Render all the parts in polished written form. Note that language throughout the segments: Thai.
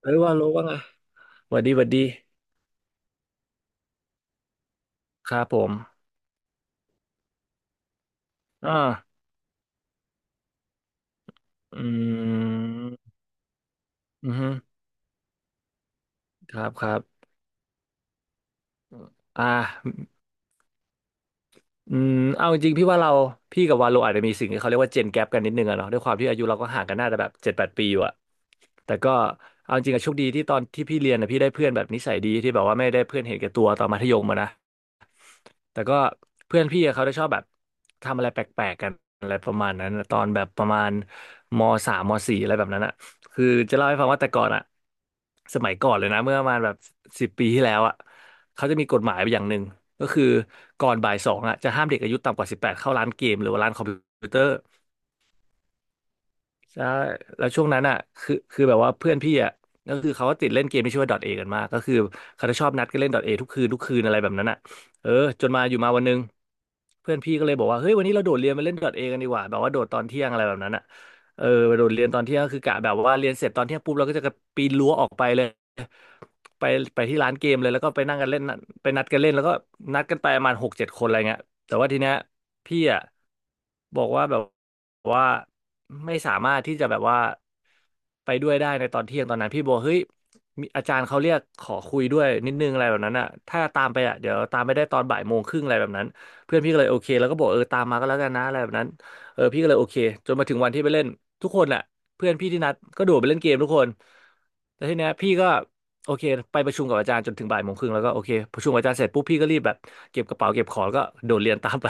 เอ้ยว่ารู้ว่าไงหวัดดีหวัดดีครับผมอ่าอืมอือฮึครับครับอ่าอืมเอาจริงๆพี่ว่าเราพี่กับวาโลอาจจะมีสิ่งที่เขาเรียกว่าเจนแก p กันนิดนึงอะเนาะด้วยความที่อายุเราก็ห่างกันน่าจะแบบ7-8 ปีอยู่อะแต่ก็เอาจริงอะโชคดีที่ตอนที่พี่เรียนอะพี่ได้เพื่อนแบบนิสัยดีที่แบบว่าไม่ได้เพื่อนเห็นแก่ตัวตอนมัธยมอะนะ แต่ก็เพื่อนพี่อะเขาจะชอบแบบทำอะไรแปลกๆกันอะไรประมาณนั้นอะตอนแบบประมาณมสามสี่อะไรแบบนั้นอ่ะคือจะเล่าให้ฟังว่าแต่ก่อนอ่ะสมัยก่อนเลยนะเมื่อประมาณแบบ10 ปีที่แล้วอ่ะเขาจะมีกฎหมายอย่างหนึ่งก็คือก่อนบ่ายสองอ่ะจะห้ามเด็กอายุต่ำกว่า18เข้าร้านเกมหรือว่าร้านคอมพิวเตอร์ ใช่แล้วช่วงนั้นอ่ะคือแบบว่าเพื่อนพี่อ่ะก็คือเขาก็ติดเล่นเกมที่ชื่อว่า .A กันมากก็คือเขาจะชอบนัดกันเล่น .A ทุกคืนทุกคืนอะไรแบบนั้นอ่ะเออจนมาอยู่มาวันหนึงเพื่อนพี่ก็เลยบอกว่าเฮ้ยวันนี้เราโดดเรียนไปเล่น .A กันดีกว่าแบบว่าโดดตอนเที่ยงอะไรแบบนั้นอ่ะเออโดดเรียนตอนเที่ยงก็คือกะแบบว่าเรียนเสร็จตอนเที่ยงปุ๊บเราก็จะกระปีนรั้วออกไปเลยไปไปที่ร้านเกมเลยแล้วก็ไปนั่งกันเล่นไปนัดกันเล่นแล้วก็นัดกันไปประมาณ6-7 คนอะไรเงี้ย แต่ว่าทีเนี้ยพี่อ่ะบอกว่าแบบว่าไม่สามารถที่จะแบบว่าไปด้วยได้ในตอนเที่ยงตอนนั้นพี่บอกเฮ้ยมีอาจารย์เขาเรียกขอคุยด้วยนิดนึงอะไรแบบนั้นอ่ะถ้าตามไปอ่ะเดี๋ยวตามไม่ได้ตอนบ่ายโมงครึ่งอะไรแบบนั้นเพื่อนพี่ก็เลยโอเคแล้วก็บอกเออตามมาก็แล้วกันนะอะไรแบบนั้นเออพี่ก็เลยโอเคจนมาถึงวันที่ไปเล่นทุกคนแหละเพื่อนพี่ที่นัดก็โดดไปเล่นเกมทุกคนแต่ทีเนี้ยพี่ก็โอเคไปประชุมกับอาจารย์จนถึงบ่ายโมงครึ่งแล้วก็โอเคประชุมกับอาจารย์เสร็จปุ๊บพี่ก็รีบแบบ เก็บกระเป๋าเก็บของแล้วก็โดดเรียนตามไป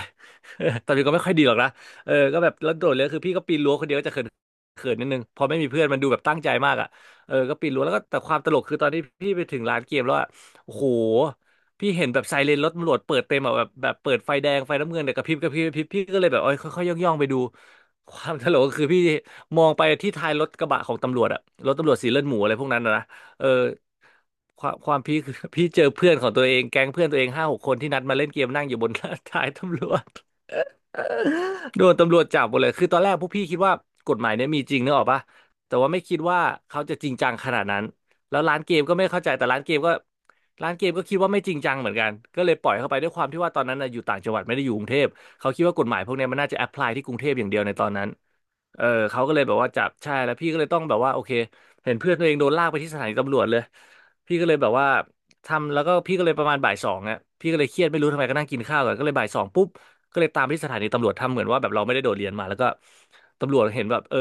ตอนนี้ก็ไม่ค่อยดีหรอกนะเออก็แบบแล้วโดดเรียนคือพี่ก็ปีนรั้วคนเดียวก็จะเขินเขินนิดนึงพอไม่มีเพื่อนมันดูแบบตั้งใจมากอ่ะเออก็ปีนรั้วแล้วก็แต่ความตลกคือตอนที่พี่ไปถึงร้านเกมแล้วอะโอ้โหพี่เห็นแบบไซเรนรถตำรวจเปิดเต็มอะแบบเปิดไฟแดงไฟน้ำเงินเนี่ยกระพริบกระพริบกระพริบพี่ก็เลยแบบเอ้ยค่อยๆย่องๆไปดูความตลกก็คือพี่มองไปที่ท้ายรถกระบะของตำรวจอะรถตำรวจสีเลือดหมูอะไรพวกนั้นนะ เออความพี่ คือ พี่เจอเพื่อนของตัวเองแก๊งเพื่อนตัวเอง5-6 คนที่นัดมาเล่นเกมนั่งอยู่บน ท้ายตำรวจ โดนตำรวจจับหมดเลยคือตอนแรกพวกพี่คิดว่ากฎหมายเนี่ยมีจริงนึกออกปะแต่ว่าไม่คิดว่าเขาจะจริงจังขนาดนั้นแล้วร้านเกมก็ไม่เข้าใจแต่ร้านเกมก็คิดว่าไม่จริงจังเหมือนกันก็เลยปล่อยเข้าไปด้วยความที่ว่าตอนนั้นน่ะอยู่ต่างจังหวัดไม่ได้อยู่กรุงเทพเขาคิดว่ากฎหมายพวกเนี้ยมันน่าจะแอพพลายที่กรุงเทพอย่างเดียวในตอนนั้นเออเขาก็เลยแบบว่าจับใช่แล้วพี่ก็เลยต้องแบบว่าโอเคเห็นเพื่อนตัวเองโดนลากไปที่สถานีตำรวจเลยพี่ก็เลยแบบว่าทำแล้วก็พี่ก็เลยประมาณบ่ายสองอ่ะพี่ก็เลยเครียดไม่รู้ทำไมก็นั่งกินข้าวกันก็เลยบ่ายสองปุ๊บ ก็เลยตามไปที่สถานีตำรวจทำเหมือนว่าแบบเราไม่ได้โดดเรียนมาแล้วก็ตำรวจเห็นแบบเออ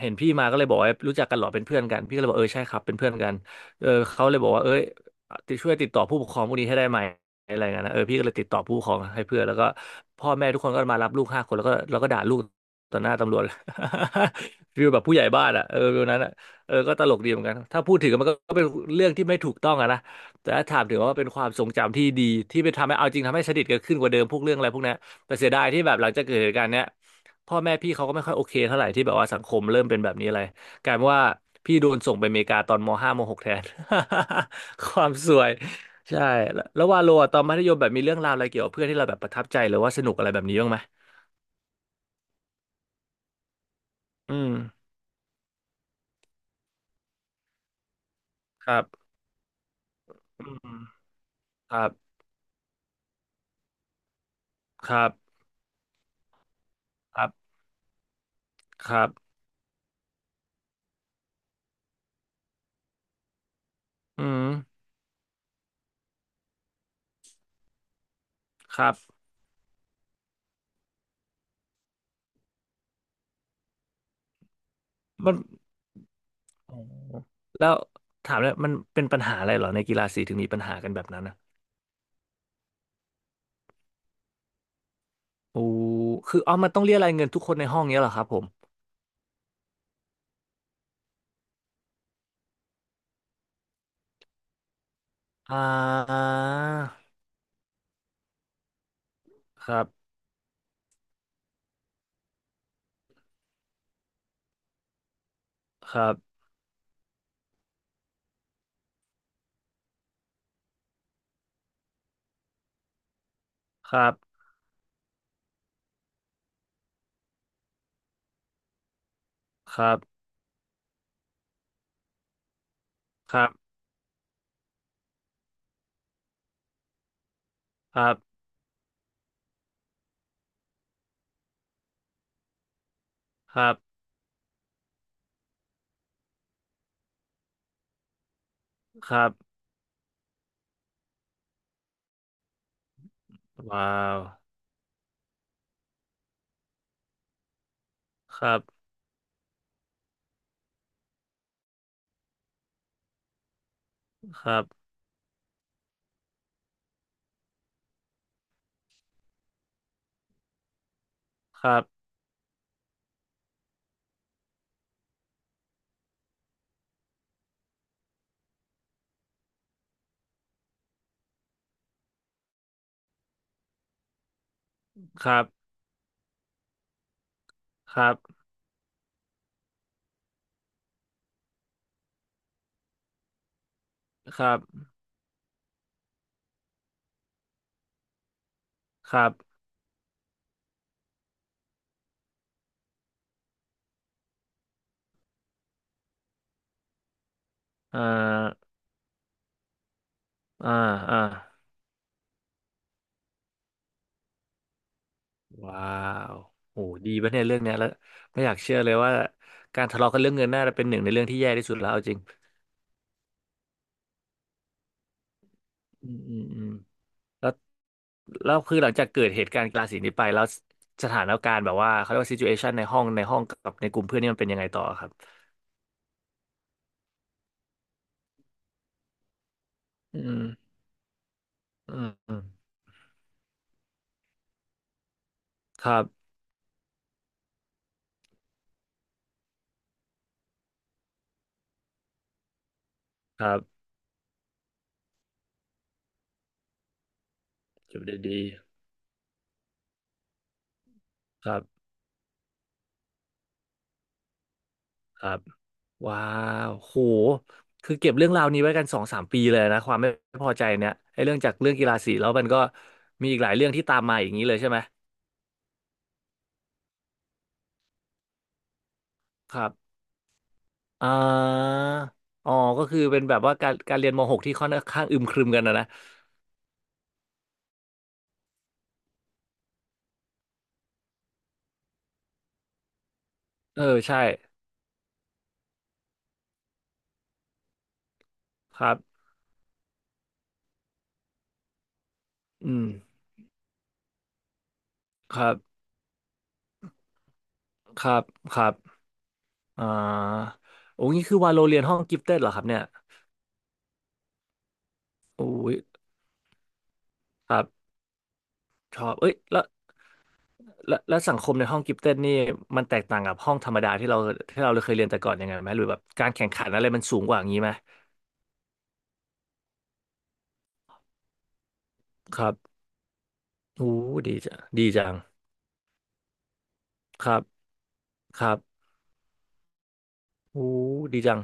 เห็นพี่มาก็เลยบอกว่ารู้จักกันเหรอเป็นเพื่อนกันพี่ก็เลยบอกเออใช่ครับเป็นเพื่อนกันเออเขาเลยบอกว่าเอ้ยติดช่วยติดต่อผู้ปกครองพวกนี้ให้ได้ไหมอะไรเงี้ยนะเออพี่ก็เลยติดต่อผู้ปกครองให้เพื่อนแล้วพ่อแม่ทุกคนก็มารับลูก5 คนแล้วก็ด่าลูกต่อหน้าตำรวจ ฟิลแบบผู้ใหญ่บ้านอ่ะฟิลนั้นอ่ะก็ตลกดีเหมือนกันถ้าพูดถึงมันก็เป็นเรื่องที่ไม่ถูกต้องอะนะแต่ถ้าถามถึงว่าเป็นความทรงจำที่ดีที่ไปทำให้เอาจริงทำให้สนิทกันขึ้นกว่าเดิมพวกเรื่องอะไรพวกนี้ แต่เสียดายที่แบบหลังจากเกิดเหตุการณ์เนี้ยพ่อแม่พี่เขาก็ไม่ค่อยโอเคเท่าไหร่ที่แบบว่าสังคมเริ่มเป็นแบบนี้อะไรกลายเป็นว่าพี่โดนส่งไปอเมริกาตอนม .5 มหกแทน ความสวยใช่แล้ววาโลอะตอนมัธยมแบบมีเรื่องราวอะไรเกี่ยวกับเพื่อนที่เราแบบประทับใจหรือว่าสนุกอะไรแบบนี้บ้างไหมอืมครับอืมครับครับครับครับอืมครับมันโอ้แล้วถามเลยมันเป็นปัญหาอะไรเหรอในกีฬาสีถึงมีปัญหากันแบบนั้นอะ โอ้คือเอามันต้องเรียกรายเงินทุกคนในห้องเนี้ยเหรอครับผมอ่าครับครับครับครับครับครับครับครับว้าวครับครับครับครับครับครับครับอ่าอ่าอ่าว้าวโอ้ดีปะเนี่ยเรื่องเนี้ยแล้วไม่อยากเชื่อเลยว่าการทะเลาะกันเรื่องเงินน่าจะเป็นหนึ่งในเรื่องที่แย่ที่สุดแล้วเอาจริงอืมอืมอืมแล้ว แล้วคือหลังจากเกิดเหตุการณ์กลาสีนี้ไปแล้วสถานการณ์แบบว่าเขาเรียกว่าซิจูเอชันในห้องกับในกลุ่มเพื่อนนี่มันเป็นยังไงต่อครับอืมอืมอืมครับครับจบได้ดีครับครับว้าวโหคือเก็บเรื่องราวนี้ไว้กันสองสามปีเลยนะความไม่พอใจเนี่ยไอ้เรื่องจากเรื่องกีฬาสีแล้วมันก็มีอีกหลายเรื่องที่ตามมาอย่างนี้เลยใช่ไหมครับอ่าอ๋อก็คือเป็นแบบว่าการเรียนมหกที่ค่อนข้างอึมครึมกันนะเออใช่ครับอืมครับ ครับครับอ่าโอ้นี่คือวาโลเรียนห้องกิฟเต็ดเหรอครับเนี่ยโอ้ยครับชอบเอ้ยแล้วแล้วสังคมในห้องกิฟเต็ดนี่มันแตกต่างกับห้องธรรมดาที่เราเคยเรียนแต่ก่อนยังไงไหมหรือแบบการแข่งขันอะไรมันสูงกว่าอย่างนี้ไหมครับโอ้ดีจังดีจังครับครับโอ้ดีจัง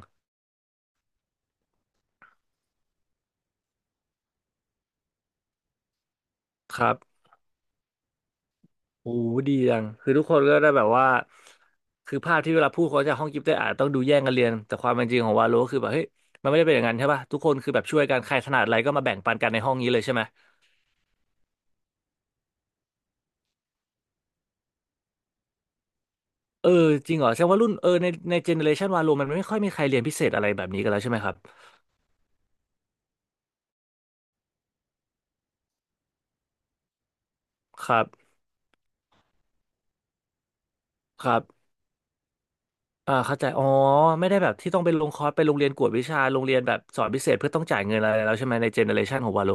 ครับ โอ้ดีจังคือทุกคนก็ได้แบบว่าคือภาพที่เวลาพูดเขาจะห้องกิฟต์ได้อาจต้องดูแย่งกันเรียนแต่ความเป็นจริงของวาโลก็คือแบบเฮ้ยมันไม่ได้เป็นอย่างนั้นใช่ป่ะทุกคนคือแบบช่วยกันใครถนัดอะไรก็มาแบ่งปันกันในห้องนี้เลยใช่ไหมเออจริงเหรอแสดงว่ารุ่นเออในเจเนอเรชันวาโลมันไม่ค่อยมีใครเรียนพิเศษอะไรแบบนี้กันแล้วใช่ไหมครับครับครับอ่าเข้าใจอ๋อไม่ได้แบบที่ต้องไปลงคอร์สไปโรงเรียนกวดวิชาโรงเรียนแบบสอนพิเศษเพื่อต้องจ่ายเงินอะไรแล้วใช่ไหมในเจเนอเรชันของวาโล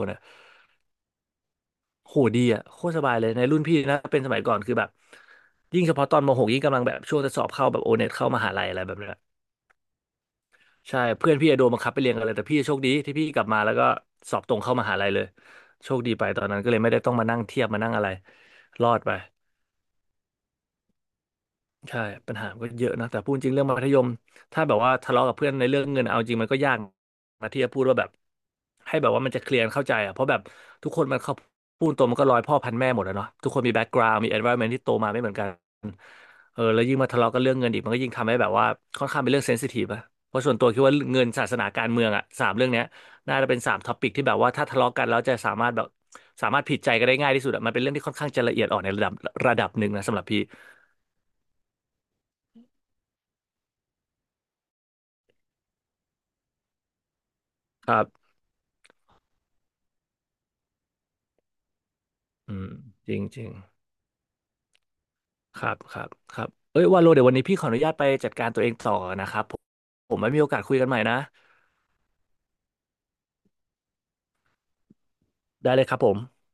โหดีอ่ะโคตรสบายเลยในรุ่นพี่นะเป็นสมัยก่อนคือแบบยิ่งเฉพาะตอนม .6 ยิ่งกำลังแบบช่วงจะสอบเข้าแบบโอเน็ตเข้ามหาลัยอะไรแบบเนี้ยใช่เพื่อนพี่อะโดนบังคับไปเรียนกันเลยแต่พี่โชคดีที่พี่กลับมาแล้วก็สอบตรงเข้ามหาลัยเลยโชคดีไปตอนนั้นก็เลยไม่ได้ต้องมานั่งเทียบมานั่งอะไรรอดไปใช่ปัญหาก็เยอะนะแต่พูดจริงเรื่องมัธยมถ้าแบบว่าทะเลาะกับเพื่อนในเรื่องเงินเอาจริงมันก็ยากนะที่จะพูดว่าแบบให้แบบว่ามันจะเคลียร์นเข้าใจอ่ะเพราะแบบทุกคนมันเขาพูดตรงมันก็ร้อยพ่อพันแม่หมดอะเนาะทุกคนมีแบ็กกราวด์มี environment ที่โตมาไม่เหมือนกัน เออแล้วยิ่งมาทะเลาะกันเรื่องเงินอีกมันก็ยิ่งทำให้แบบว่าค่อนข้างเป็นเรื่องเซนซิทีฟอะเพราะส่วนตัวคิดว่าเงินศาสนาการเมืองอะสามเรื่องเนี้ยน่าจะเป็นสามท็อปิกที่แบบว่าถ้าทะเลาะกันแล้วจะสามารถแบบสามารถผิดใจกันได้ง่ายที่สุดอะมันเป็นเรื่องที่ค่อนข้างจะละเอียดอ่อนในระดับหนึ่งนะสำหรับพี่ครับอืมจริงจริงครับครับครับเอ้ยว่าโลเดี๋ยววันนี้พี่ขออนุญาตไปจัดการตัวเองต่อนะครับผมผมไม่มีโอกาสคุยกันใหม่นะได้เลยครับผม